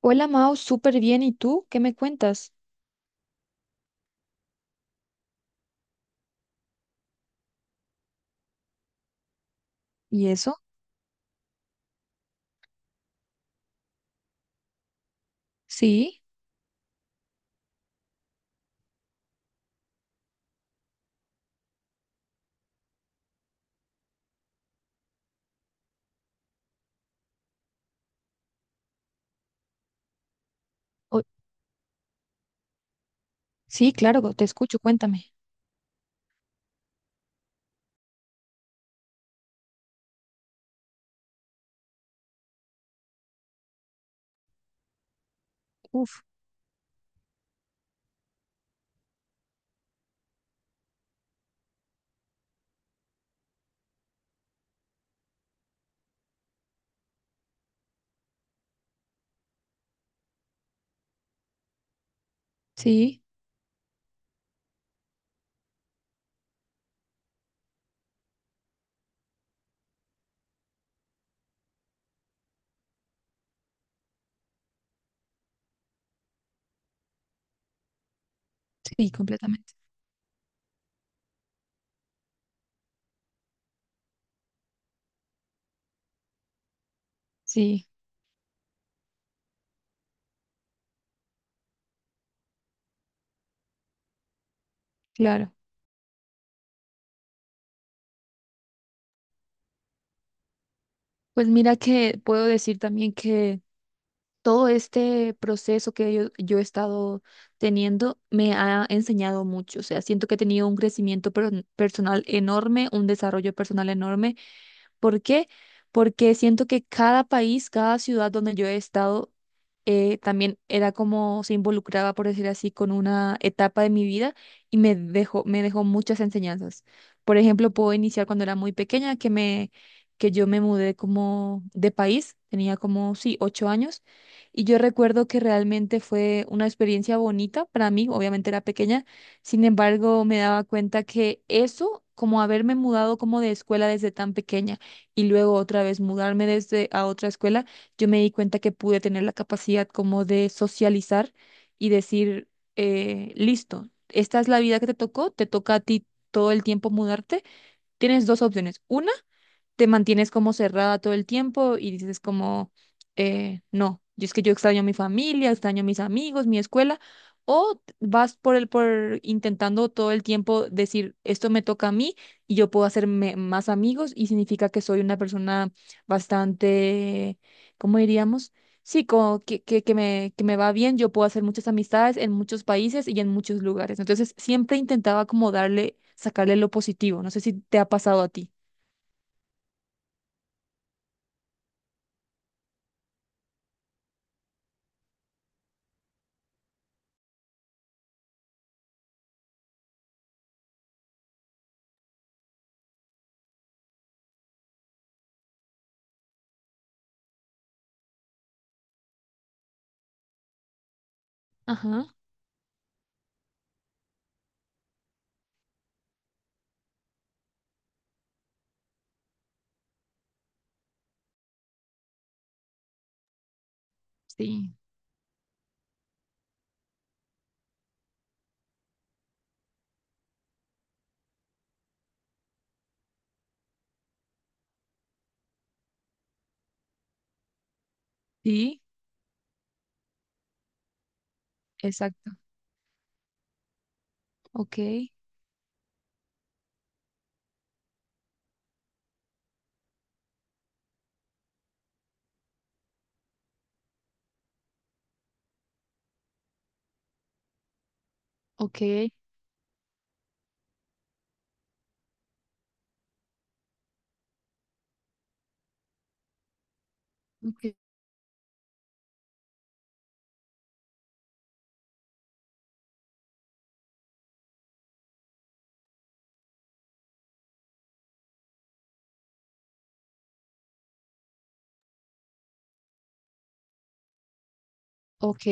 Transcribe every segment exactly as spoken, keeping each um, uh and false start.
Hola Mao, súper bien. ¿Y tú? ¿Qué me cuentas? ¿Y eso? Sí, o- sí, claro, te escucho, cuéntame. Uf, sí, sí, completamente. Sí, claro. Pues mira que puedo decir también que todo este proceso que yo, yo he estado teniendo me ha enseñado mucho. O sea, siento que he tenido un crecimiento per- personal enorme, un desarrollo personal enorme. ¿Por qué? Porque siento que cada país, cada ciudad donde yo he estado, eh, también era como se involucraba, por decir así, con una etapa de mi vida y me dejó, me dejó muchas enseñanzas. Por ejemplo, puedo iniciar cuando era muy pequeña, que me, que yo me mudé como de país, tenía como, sí, ocho años, y yo recuerdo que realmente fue una experiencia bonita para mí. Obviamente era pequeña, sin embargo, me daba cuenta que eso, como haberme mudado como de escuela desde tan pequeña, y luego otra vez mudarme desde a otra escuela, yo me di cuenta que pude tener la capacidad como de socializar y decir, eh, listo, esta es la vida que te tocó, te toca a ti todo el tiempo mudarte. Tienes dos opciones. Una, te mantienes como cerrada todo el tiempo y dices como, eh, no, yo es que yo extraño a mi familia, extraño a mis amigos, mi escuela, o vas por el, por intentando todo el tiempo decir, esto me toca a mí y yo puedo hacerme más amigos y significa que soy una persona bastante, ¿cómo diríamos? Sí, como que, que, que me, que me va bien, yo puedo hacer muchas amistades en muchos países y en muchos lugares. Entonces, siempre intentaba como darle, sacarle lo positivo. No sé si te ha pasado a ti. Ajá. Sí, sí, exacto. Ok, ok, ok. Ok.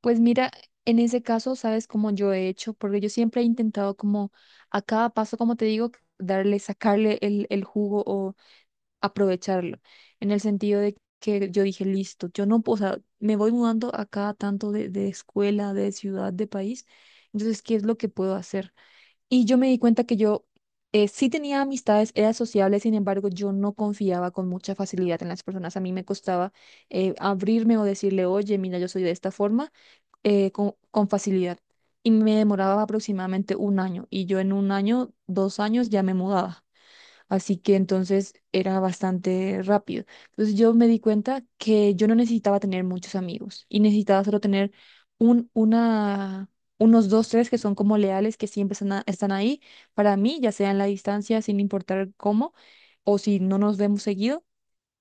Pues mira, en ese caso, ¿sabes cómo yo he hecho? Porque yo siempre he intentado como a cada paso, como te digo, darle, sacarle el, el jugo o aprovecharlo. En el sentido de que yo dije, listo, yo no, puedo, o sea, me voy mudando a cada tanto de, de escuela, de ciudad, de país. Entonces, ¿qué es lo que puedo hacer? Y yo me di cuenta que yo eh, sí tenía amistades, era sociable, sin embargo, yo no confiaba con mucha facilidad en las personas. A mí me costaba eh, abrirme o decirle, oye, mira, yo soy de esta forma, eh, con, con facilidad. Y me demoraba aproximadamente un año. Y yo en un año, dos años, ya me mudaba. Así que entonces era bastante rápido. Entonces yo me di cuenta que yo no necesitaba tener muchos amigos y necesitaba solo tener un, una, unos dos, tres que son como leales, que siempre están, a- están ahí para mí, ya sea en la distancia, sin importar cómo, o si no nos vemos seguido,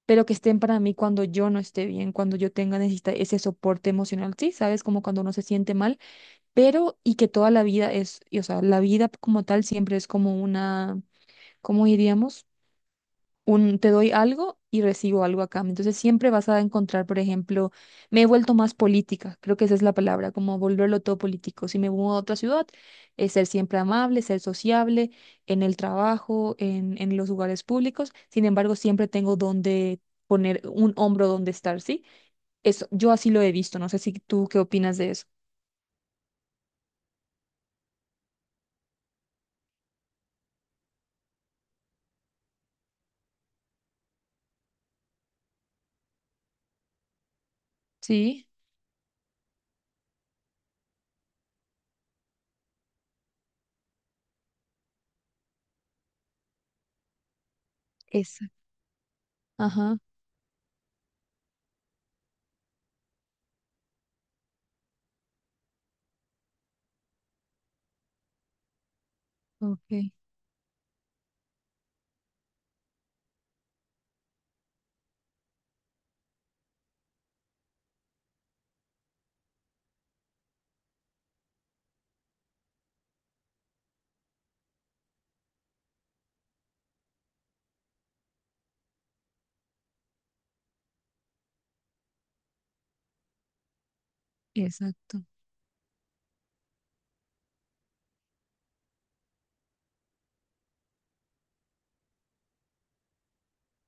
pero que estén para mí cuando yo no esté bien, cuando yo tenga necesita ese soporte emocional, sí, sabes, como cuando uno se siente mal, pero y que toda la vida es, y, o sea, la vida como tal siempre es como una, ¿cómo diríamos? Un, te doy algo y recibo algo a cambio. Entonces siempre vas a encontrar, por ejemplo, me he vuelto más política, creo que esa es la palabra, como volverlo todo político. Si me mudo a otra ciudad, es ser siempre amable, ser sociable en el trabajo, en, en los lugares públicos. Sin embargo, siempre tengo donde poner un hombro donde estar, ¿sí? Eso, yo así lo he visto, no sé si tú qué opinas de eso. Sí, esa, ajá, ok, exacto.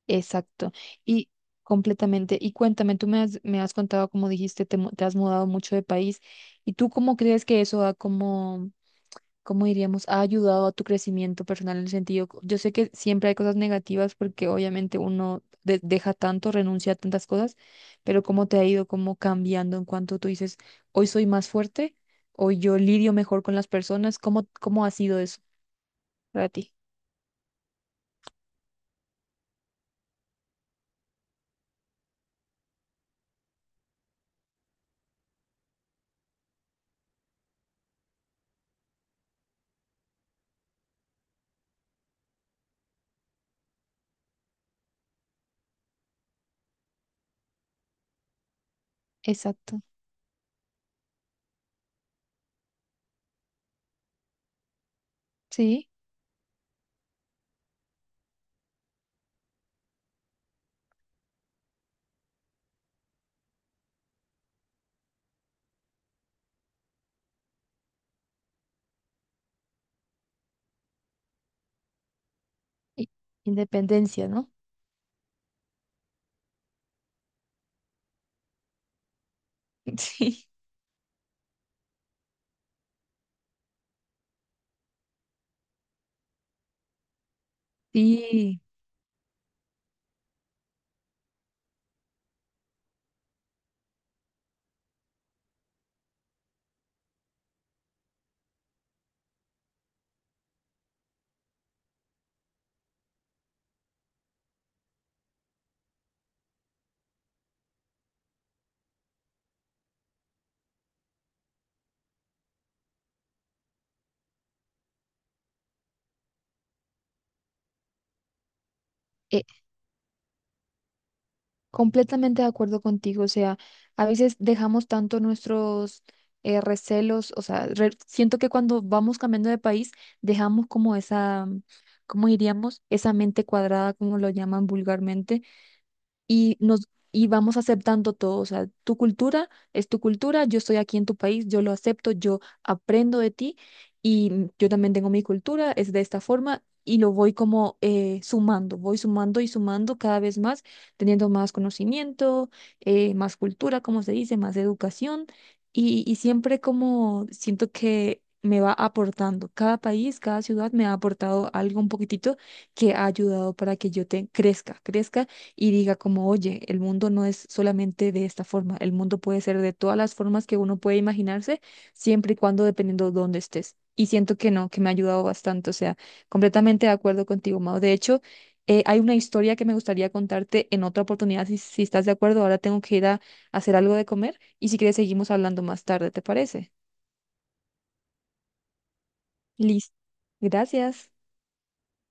Exacto. Y completamente. Y cuéntame, tú me has, me has, contado, como dijiste, te, mu- te has mudado mucho de país. ¿Y tú cómo crees que eso ha, como, cómo diríamos, ha ayudado a tu crecimiento personal en el sentido? co- Yo sé que siempre hay cosas negativas porque obviamente uno de- deja tanto, renuncia a tantas cosas, pero ¿cómo te ha ido como cambiando en cuanto tú dices, hoy soy más fuerte, hoy yo lidio mejor con las personas? ¿Cómo, cómo ha sido eso para ti? Exacto. Sí. Y- Independencia, ¿no? Sí. Sí, eh, completamente de acuerdo contigo. O sea, a veces dejamos tanto nuestros eh, recelos, o sea, re- siento que cuando vamos cambiando de país, dejamos como esa, ¿cómo diríamos? Esa mente cuadrada, como lo llaman vulgarmente. y nos y vamos aceptando todo, o sea, tu cultura es tu cultura, yo estoy aquí en tu país, yo lo acepto, yo aprendo de ti y mm, yo también tengo mi cultura, es de esta forma y lo voy como eh, sumando, voy sumando y sumando cada vez más, teniendo más conocimiento, eh, más cultura, como se dice, más educación y, y siempre como siento que me va aportando, cada país, cada ciudad me ha aportado algo un poquitito que ha ayudado para que yo te crezca, crezca y diga como, oye, el mundo no es solamente de esta forma, el mundo puede ser de todas las formas que uno puede imaginarse, siempre y cuando dependiendo de dónde estés. Y siento que no, que me ha ayudado bastante, o sea, completamente de acuerdo contigo, Mao. De hecho, eh, hay una historia que me gustaría contarte en otra oportunidad, si, si estás de acuerdo, ahora tengo que ir a hacer algo de comer y si quieres seguimos hablando más tarde, ¿te parece? Listo. Gracias.